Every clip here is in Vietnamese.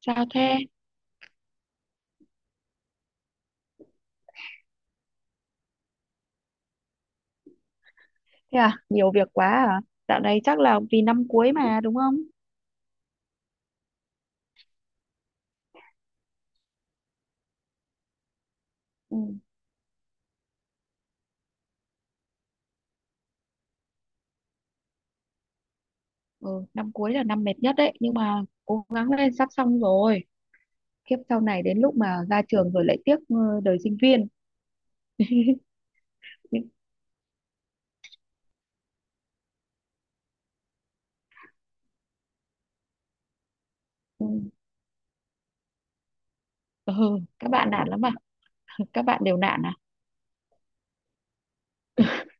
Sao thế? Thế à? Nhiều việc quá à? Dạo này chắc là vì năm cuối mà đúng không? Ừ. ừ, Năm cuối là năm mệt nhất đấy, nhưng mà cố gắng lên sắp xong rồi. Kiếp sau này đến lúc mà ra trường rồi lại tiếc đời sinh viên. Nhưng. Ừ. Ừ. Các bạn nản lắm à? Các bạn đều nản à?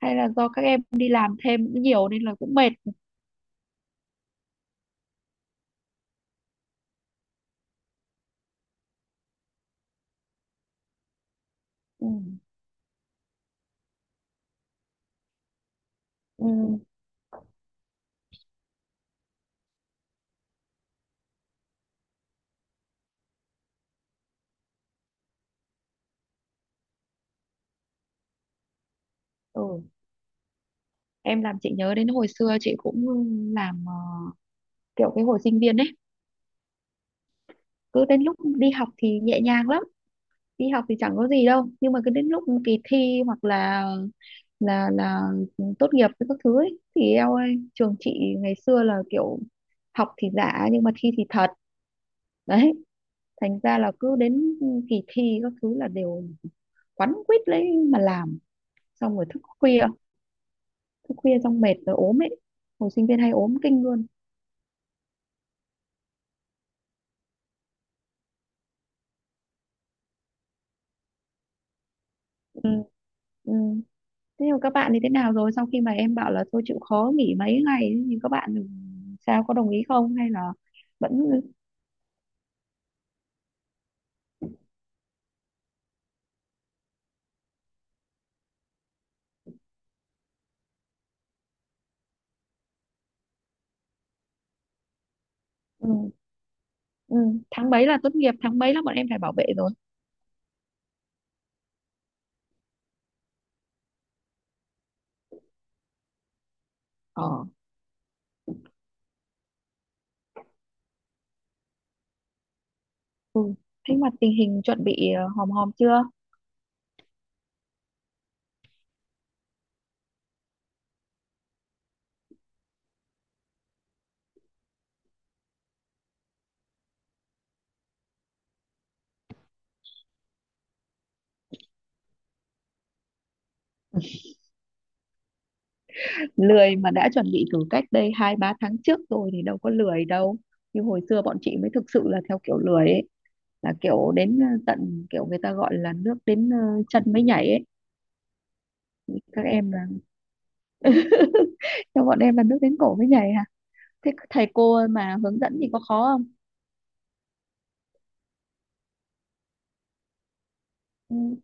Hay là do các em đi làm thêm cũng nhiều nên là cũng mệt. Ừ. Ừ. Ừ. Em làm chị nhớ đến hồi xưa chị cũng làm kiểu cái hồi sinh viên ấy, cứ đến lúc đi học thì nhẹ nhàng lắm, đi học thì chẳng có gì đâu nhưng mà cứ đến lúc kỳ thi hoặc là tốt nghiệp với các thứ ấy, thì eo ơi trường chị ngày xưa là kiểu học thì giả nhưng mà thi thì thật đấy, thành ra là cứ đến kỳ thi các thứ là đều quắn quýt lấy mà làm, xong rồi thức khuya xong mệt rồi ốm ấy, hồi sinh viên hay ốm kinh luôn. Ừ. Ừ. Thế nhưng các bạn thì thế nào rồi sau khi mà em bảo là thôi chịu khó nghỉ mấy ngày ấy, nhưng các bạn sao có đồng ý không hay là vẫn. Ừ. Ừ. Tháng mấy là tốt nghiệp, tháng mấy là bọn em phải bảo vệ rồi? Ờ. Ừ. Thế mà tình hình chuẩn bị hòm hòm chưa? Lười mà đã chuẩn bị từ cách đây hai ba tháng trước rồi thì đâu có lười đâu. Như hồi xưa bọn chị mới thực sự là theo kiểu lười ấy, là kiểu đến tận kiểu người ta gọi là nước đến chân mới nhảy ấy, các em là, cho bọn em là nước đến cổ mới nhảy hả? Thế thầy cô mà hướng dẫn thì có khó không? Ừ,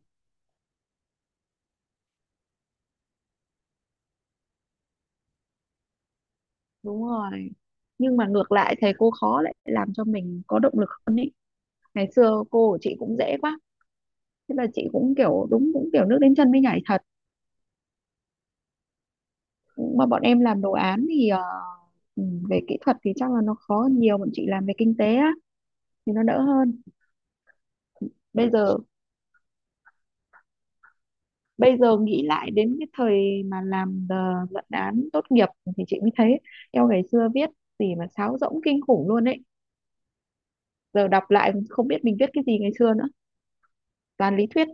đúng rồi. Nhưng mà ngược lại thầy cô khó lại làm cho mình có động lực hơn ý. Ngày xưa cô của chị cũng dễ quá, thế là chị cũng kiểu đúng cũng kiểu nước đến chân mới nhảy thật, mà bọn em làm đồ án thì ừ, về kỹ thuật thì chắc là nó khó hơn nhiều, bọn chị làm về kinh tế á thì nó đỡ hơn. Bây giờ, nghĩ lại đến cái thời mà làm luận án tốt nghiệp thì chị mới thấy eo ngày xưa viết gì mà sáo rỗng kinh khủng luôn ấy, giờ đọc lại không biết mình viết cái gì ngày xưa nữa, toàn lý thuyết.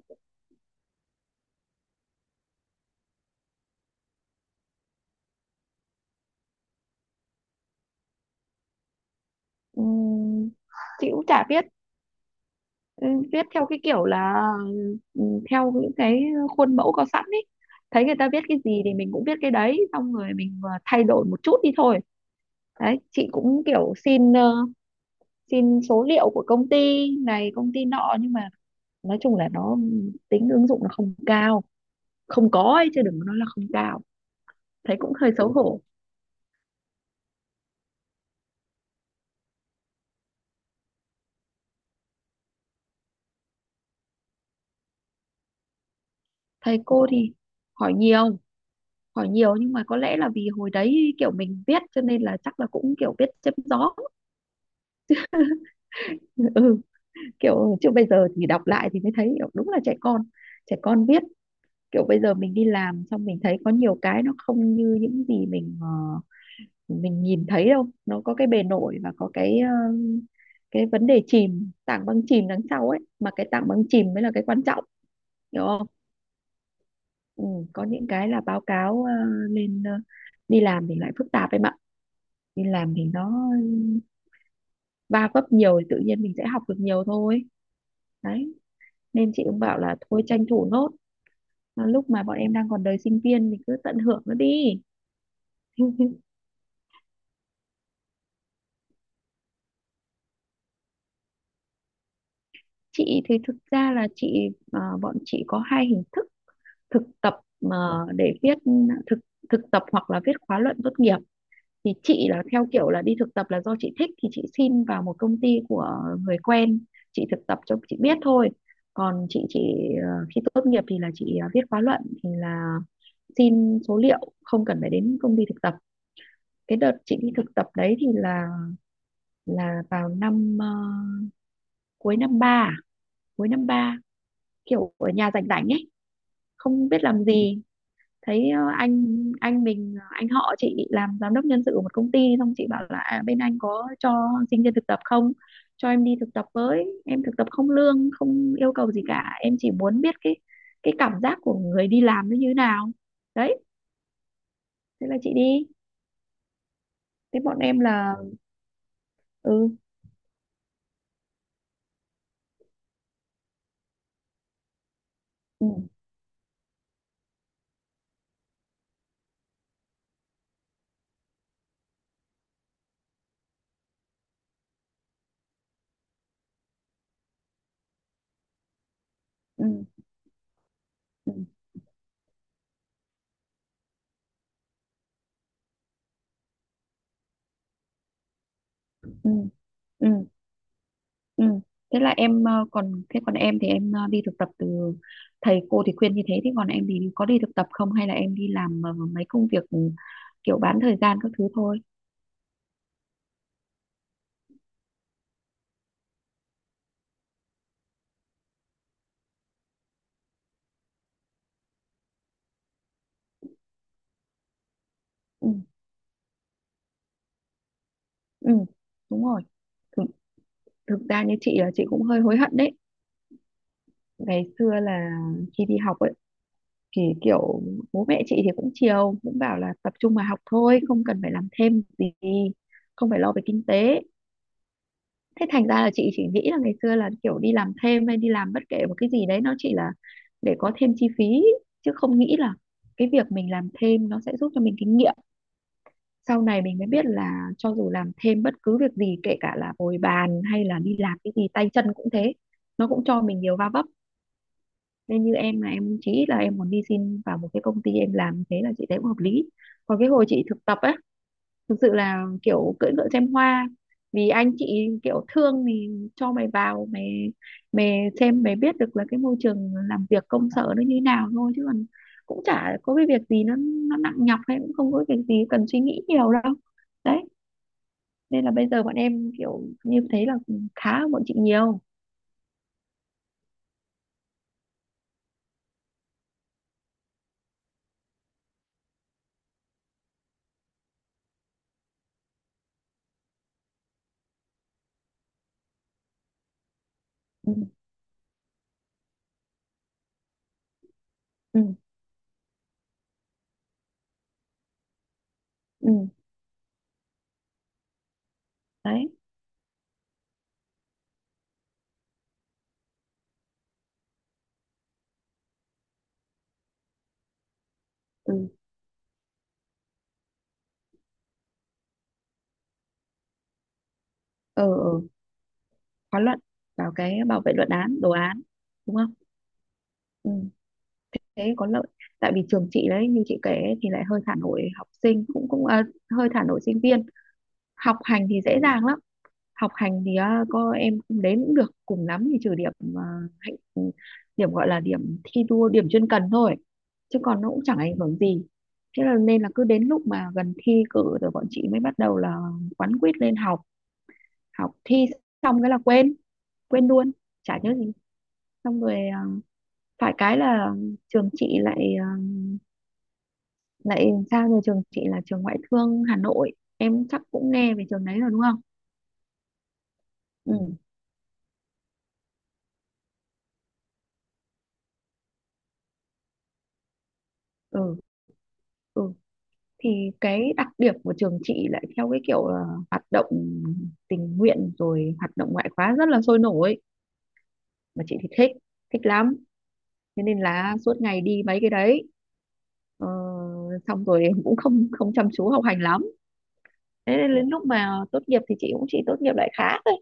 Ừm, chị cũng chả biết. ừ, Viết theo cái kiểu là ừ, theo những cái khuôn mẫu có sẵn ấy, thấy người ta viết cái gì thì mình cũng viết cái đấy xong rồi mình thay đổi một chút đi thôi. Đấy chị cũng kiểu xin xin số liệu của công ty này công ty nọ nhưng mà nói chung là nó tính ứng dụng nó không cao, không có ấy chứ đừng có nói là không cao, thấy cũng hơi xấu hổ. Thầy cô thì hỏi nhiều, hỏi nhiều nhưng mà có lẽ là vì hồi đấy kiểu mình viết cho nên là chắc là cũng kiểu viết chém gió. ừ, kiểu chứ bây giờ thì đọc lại thì mới thấy kiểu đúng là trẻ con, trẻ con viết kiểu bây giờ mình đi làm xong mình thấy có nhiều cái nó không như những gì mình mình nhìn thấy đâu, nó có cái bề nổi và có cái cái vấn đề chìm tảng băng chìm đằng sau ấy mà cái tảng băng chìm mới là cái quan trọng, hiểu không? Ừ, có những cái là báo cáo lên đi làm thì lại phức tạp em ạ. Đi làm thì nó va vấp nhiều thì tự nhiên mình sẽ học được nhiều thôi. Đấy nên chị cũng bảo là thôi tranh thủ nốt. Mà lúc mà bọn em đang còn đời sinh viên thì cứ tận hưởng nó đi. chị thì thực ra là chị, bọn chị có hai hình thức thực tập mà, để viết thực thực tập hoặc là viết khóa luận tốt nghiệp. Thì chị là theo kiểu là đi thực tập là do chị thích thì chị xin vào một công ty của người quen, chị thực tập cho chị biết thôi. Còn chị khi tốt nghiệp thì là chị viết khóa luận thì là xin số liệu không cần phải đến công ty thực tập. Cái đợt chị đi thực tập đấy thì là vào năm cuối năm ba à? Cuối năm ba, kiểu ở nhà rảnh rảnh ấy không biết làm gì, thấy anh mình anh họ chị làm giám đốc nhân sự của một công ty, xong chị bảo là à, bên anh có cho sinh viên thực tập không, cho em đi thực tập với, em thực tập không lương không yêu cầu gì cả, em chỉ muốn biết cái cảm giác của người đi làm nó như thế nào. Đấy thế là chị đi. Thế bọn em là. Ừ. Ừ. Ừ. Ừ. Ừ. Ừ. Ừ. Thế là em còn thế còn em thì em đi thực tập từ, thầy cô thì khuyên như thế, thế còn em thì có đi thực tập không hay là em đi làm mấy công việc kiểu bán thời gian các thứ thôi. Ừ. Ừ, đúng rồi. thực, Thực ra như chị là chị cũng hơi hối hận đấy, ngày xưa là khi đi học ấy thì kiểu bố mẹ chị thì cũng chiều cũng bảo là tập trung mà học thôi không cần phải làm thêm gì, không phải lo về kinh tế. Thế thành ra là chị chỉ nghĩ là ngày xưa là kiểu đi làm thêm hay đi làm bất kể một cái gì đấy nó chỉ là để có thêm chi phí chứ không nghĩ là cái việc mình làm thêm nó sẽ giúp cho mình kinh nghiệm. Sau này mình mới biết là cho dù làm thêm bất cứ việc gì kể cả là bồi bàn hay là đi làm cái gì tay chân cũng thế, nó cũng cho mình nhiều va vấp. Nên như em là em chỉ là em muốn đi xin vào một cái công ty em làm như thế là chị thấy cũng hợp lý. Còn cái hồi chị thực tập ấy thực sự là kiểu cưỡi ngựa xem hoa, vì anh chị kiểu thương thì cho mày vào, mày mày xem mày biết được là cái môi trường làm việc công sở nó như thế nào thôi chứ còn cũng chả có cái việc gì nó nặng nhọc hay cũng không có việc gì cần suy nghĩ nhiều đâu. Đấy nên là bây giờ bọn em kiểu như thấy là khá hơn bọn chị nhiều. Ừ. Ừ. Ừ. Đấy. Ừ. Ờ. Ừ, khóa luận vào cái bảo vệ luận án đồ án đúng không? Ừ thế có lợi. Tại vì trường chị đấy như chị kể ấy, thì lại hơi thả nổi học sinh cũng cũng à, hơi thả nổi sinh viên, học hành thì dễ dàng lắm. Học hành thì có em không đến cũng được cùng lắm thì trừ điểm, à, hạnh điểm gọi là điểm thi đua điểm chuyên cần thôi chứ còn nó cũng chẳng ảnh hưởng gì. Thế là nên là cứ đến lúc mà gần thi cử rồi bọn chị mới bắt đầu là quán quýt lên học, học thi xong cái là quên, luôn chả nhớ gì, xong rồi phải cái là trường chị lại, lại sao như trường chị là trường ngoại thương Hà Nội, em chắc cũng nghe về trường đấy rồi đúng không? Ừ. Ừ. Ừ. Thì cái đặc điểm của trường chị lại theo cái kiểu là hoạt động tình nguyện rồi hoạt động ngoại khóa rất là sôi nổi, mà chị thì thích, thích lắm. Thế nên là suốt ngày đi mấy cái đấy. Ờ, Xong rồi em cũng không không chăm chú học hành lắm. Thế nên đến lúc mà tốt nghiệp thì chị cũng chỉ tốt nghiệp lại khá thôi,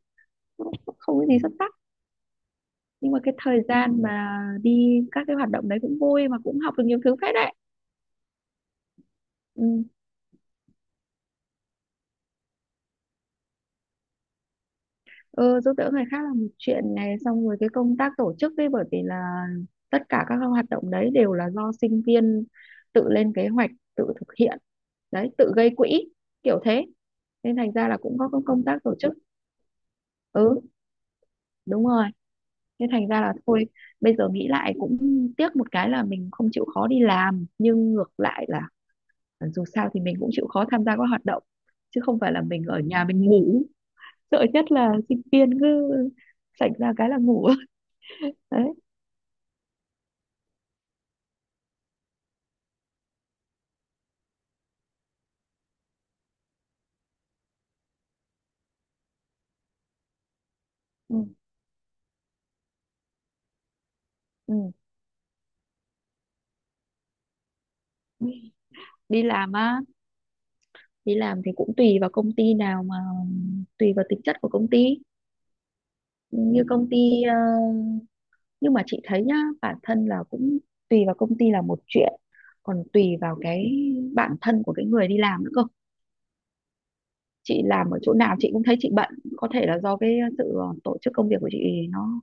không, không có gì xuất sắc, nhưng mà cái thời gian mà đi các cái hoạt động đấy cũng vui mà cũng học được nhiều thứ phết đấy. Ừ. Ừ, giúp đỡ người khác là một chuyện này, xong rồi cái công tác tổ chức ấy bởi vì là tất cả các hoạt động đấy đều là do sinh viên tự lên kế hoạch, tự thực hiện, đấy tự gây quỹ kiểu thế, nên thành ra là cũng có công tác tổ chức. Ừ, đúng rồi. Nên thành ra là thôi, bây giờ nghĩ lại cũng tiếc một cái là mình không chịu khó đi làm nhưng ngược lại là, dù sao thì mình cũng chịu khó tham gia các hoạt động chứ không phải là mình ở nhà mình ngủ. Sợ nhất là sinh viên cứ sạch ra cái là ngủ. đấy. Ừ. Ừ. Đi làm á, đi làm thì cũng tùy vào công ty nào mà tùy vào tính chất của công ty, như công ty nhưng mà chị thấy nhá, bản thân là cũng tùy vào công ty là một chuyện, còn tùy vào cái bản thân của cái người đi làm nữa cơ. Chị làm ở chỗ nào chị cũng thấy chị bận, có thể là do cái sự tổ chức công việc của chị nó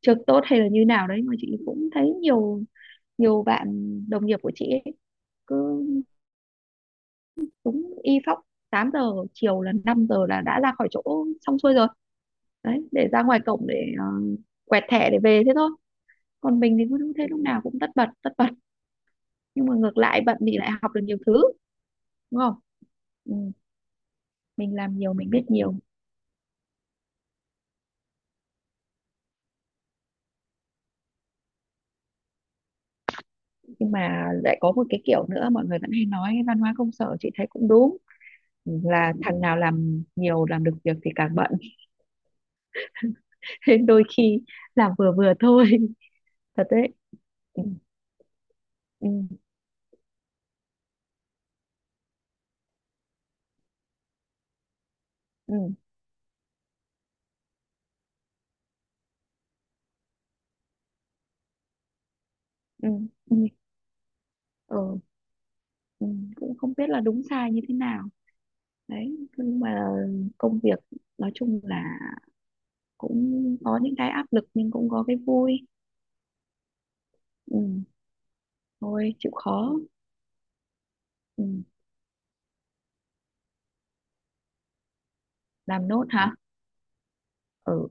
chưa tốt hay là như nào đấy, mà chị cũng thấy nhiều nhiều bạn đồng nghiệp của chị ấy, cứ đúng y phóc 8 giờ chiều là 5 giờ là đã ra khỏi chỗ xong xuôi rồi, đấy để ra ngoài cổng để quẹt thẻ để về thế thôi. Còn mình thì cứ thế lúc nào cũng tất bật tất bật, nhưng mà ngược lại bận thì lại học được nhiều thứ, đúng không? Ừ, mình làm nhiều mình biết nhiều. Nhưng mà lại có một cái kiểu nữa mọi người vẫn hay nói văn hóa công sở chị thấy cũng đúng, là thằng nào làm nhiều làm được việc thì càng bận, nên đôi khi làm vừa vừa thôi, thật đấy. Ừ. Ừ. Ừ. Ừ. Ừ. Ừ. Ừ. Cũng không biết là đúng sai như thế nào. Đấy nhưng mà công việc nói chung là cũng có những cái áp lực nhưng cũng có cái vui. Ừ, thôi chịu khó. Ừ, làm nốt hả? Ừ,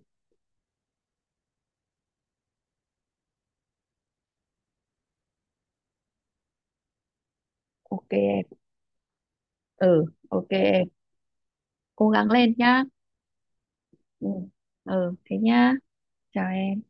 ok em. Ừ, ok em, cố gắng lên nhá. Ừ. Ừ, thế nhá, chào em.